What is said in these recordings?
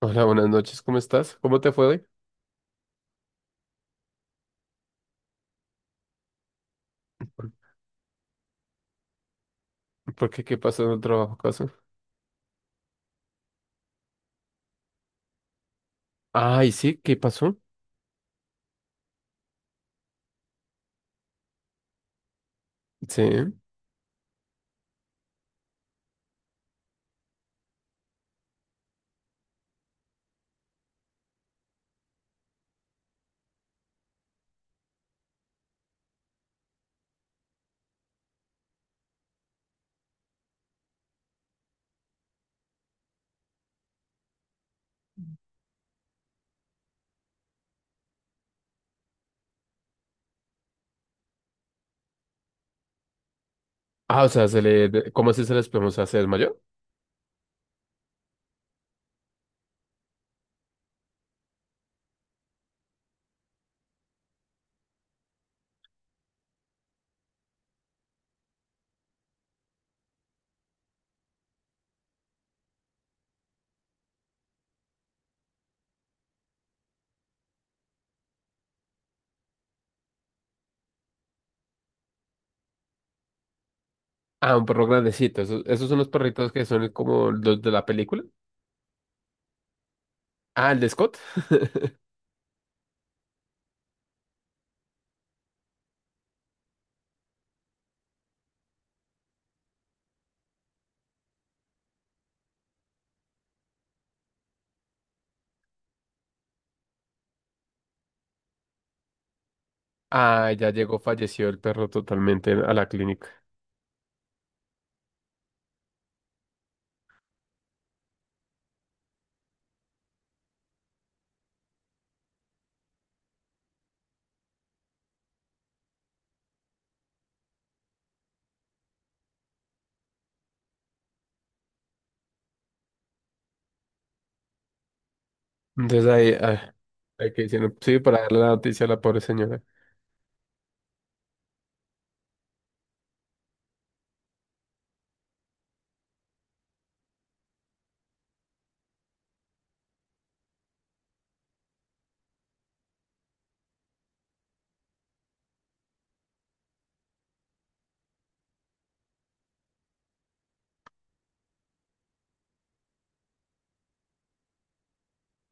Hola, buenas noches, ¿cómo estás? ¿Cómo te fue hoy? ¿Por, por qué? ¿Qué pasó en el trabajo, acaso? Ay, sí, ¿qué pasó? Sí. Ah, o sea, se le, de- ¿cómo así se les podemos hacer mayor? Ah, un perro grandecito. Esos, esos son los perritos que son como los de la película. Ah, el de Scott. Ah, ya llegó, falleció el perro totalmente a la clínica. Entonces ahí, ah, hay que decirlo. Sí, para darle la noticia a la pobre señora.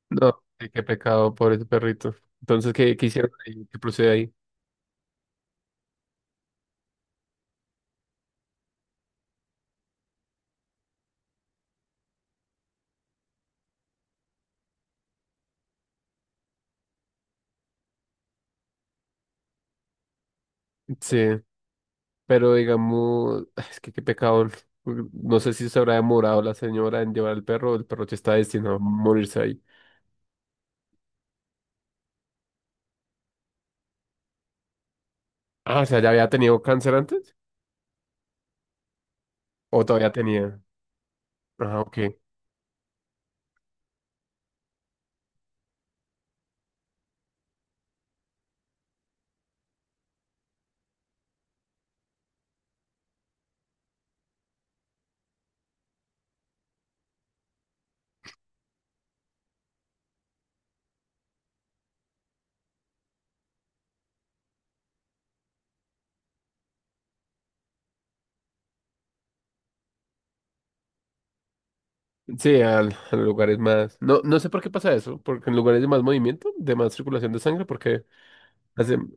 No, sí, qué pecado, pobre perrito. Entonces, ¿qué hicieron ahí? ¿Qué procede ahí? Sí. Pero digamos, es que qué pecado. No sé si se habrá demorado la señora en llevar al perro, o el perro ya está destinado a morirse ahí. Ah, o sea, ¿ya había tenido cáncer antes? ¿O todavía tenía? Ah, ok. Sí, al- a los lugares más. No, no sé por qué pasa eso, porque en lugares de más movimiento, de más circulación de sangre, porque hacen,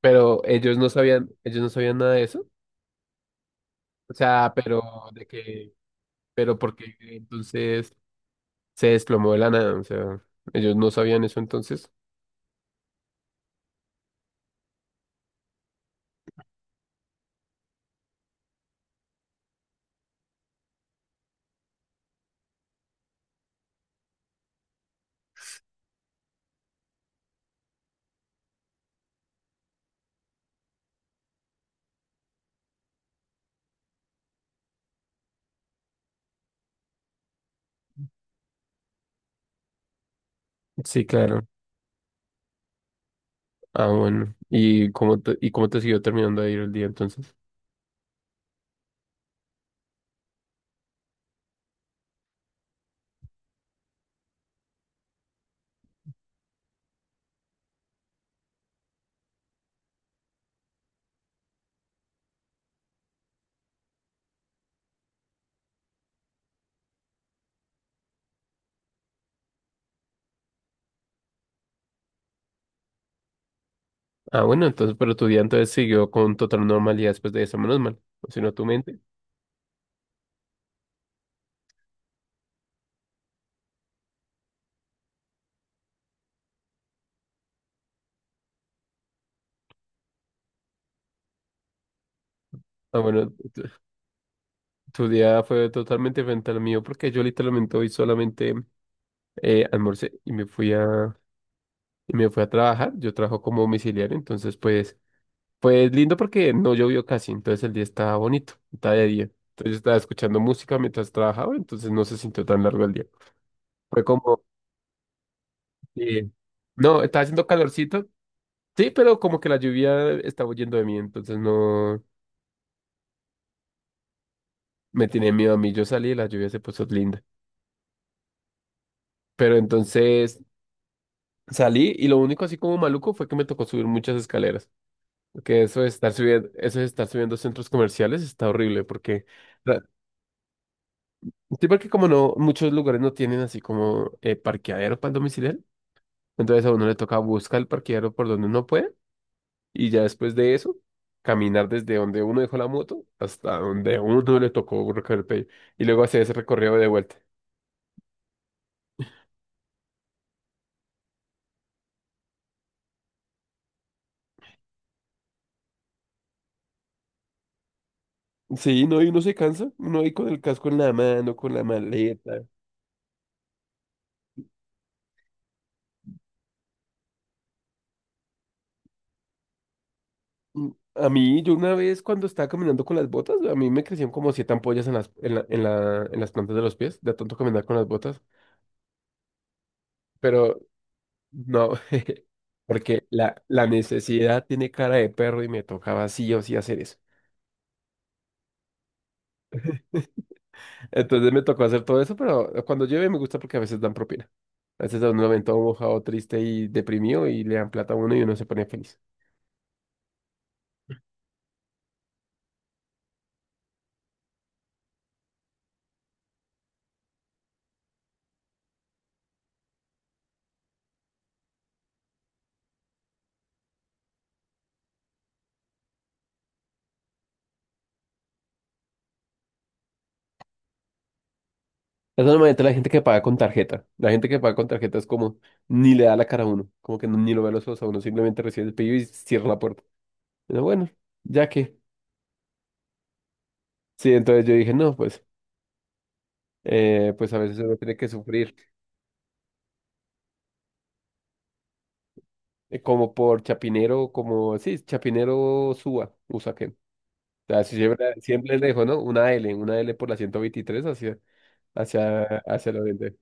pero ellos no sabían nada de eso. O sea, pero de que, pero porque entonces se desplomó de la nada. O sea, ellos no sabían eso entonces. Sí, claro. Ah, bueno. ¿Y cómo te siguió terminando de ir el día entonces? Ah, bueno, entonces, pero tu día entonces siguió con total normalidad después de eso, menos mal. O si no, tu mente. Ah, bueno, tu día fue totalmente diferente al mío porque yo literalmente hoy solamente almorcé y y me fui a trabajar. Yo trabajo como domiciliario, entonces pues, pues lindo porque no llovió casi, entonces el día estaba bonito, estaba de día. Entonces yo estaba escuchando música mientras trabajaba, entonces no se sintió tan largo el día. Fue como eh, no, estaba haciendo calorcito. Sí, pero como que la lluvia estaba huyendo de mí, entonces no me tenía miedo a mí. Yo salí y la lluvia se puso linda. Pero entonces salí y lo único así como maluco fue que me tocó subir muchas escaleras. Porque eso de estar subiendo, eso de estar subiendo centros comerciales está horrible porque, la- sí, porque como no, muchos lugares no tienen así como parqueadero para el domiciliario. Entonces a uno le toca buscar el parqueadero por donde uno puede. Y ya después de eso, caminar desde donde uno dejó la moto hasta donde uno le tocó recoger el pelo. Y luego hacer ese recorrido de vuelta. Sí, no, y uno se cansa, uno ahí con el casco en la mano, con la maleta. Mm, a mí, yo una vez cuando estaba caminando con las botas, a mí me crecían como siete ampollas en las, en las plantas de los pies, de tanto caminar con las botas. Pero no, porque la necesidad tiene cara de perro y me tocaba sí o sí hacer eso. Entonces me tocó hacer todo eso, pero cuando llueve me gusta porque a veces dan propina. A veces da un momento ven mojado, triste y deprimido y le dan plata a uno y uno se pone feliz. Esa es normalmente la gente que paga con tarjeta. La gente que paga con tarjeta es como ni le da la cara a uno, como que no- ni lo ve a los ojos a uno, simplemente recibe el pedido y cierra la puerta. Pero bueno, ya que. Sí, entonces yo dije, no, pues, pues a veces uno tiene que sufrir como por Chapinero, como, sí, Chapinero Suba, Usaquén. O sea, si siempre, siempre les dejo, ¿no? Una L por la 123 así. Hacia, hacia el oriente.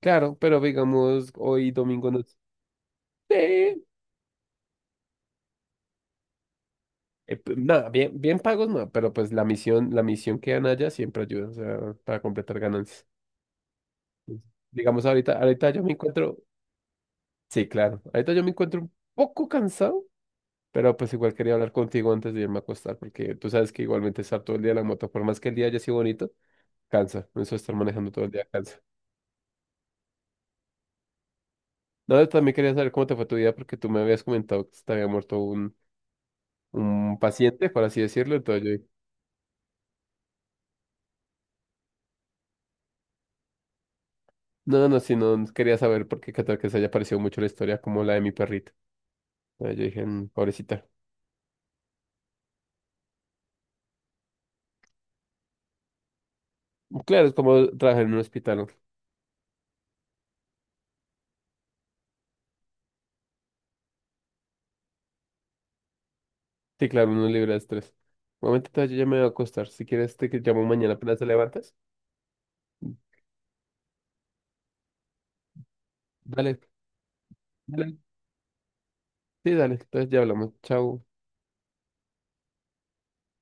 Claro, pero digamos, hoy domingo no. Sí, eh, p- nada, bien, bien pagos no, pero pues la misión que dan allá siempre ayuda, o sea, para completar ganancias. Entonces, digamos, ahorita, ahorita yo me encuentro, sí, claro, ahorita yo me encuentro un poco cansado, pero pues igual quería hablar contigo antes de irme a acostar, porque tú sabes que igualmente estar todo el día en la moto, por más que el día haya sido bonito, cansa, eso de estar manejando todo el día cansa. No, yo también quería saber cómo te fue tu día, porque tú me habías comentado que se te había muerto un paciente, por así decirlo. Entonces yo dije, no, no, si no quería saber por qué, qué tal que se haya parecido mucho la historia como la de mi perrito. Entonces yo dije, "Mm, pobrecita". Claro, es como trabajar en un hospital, ¿no? Sí, claro, uno libre de estrés. Un momento, entonces yo ya me voy a acostar. Si quieres, te llamo mañana apenas te levantas. Dale, dale. Sí, dale. Entonces ya hablamos. Chao.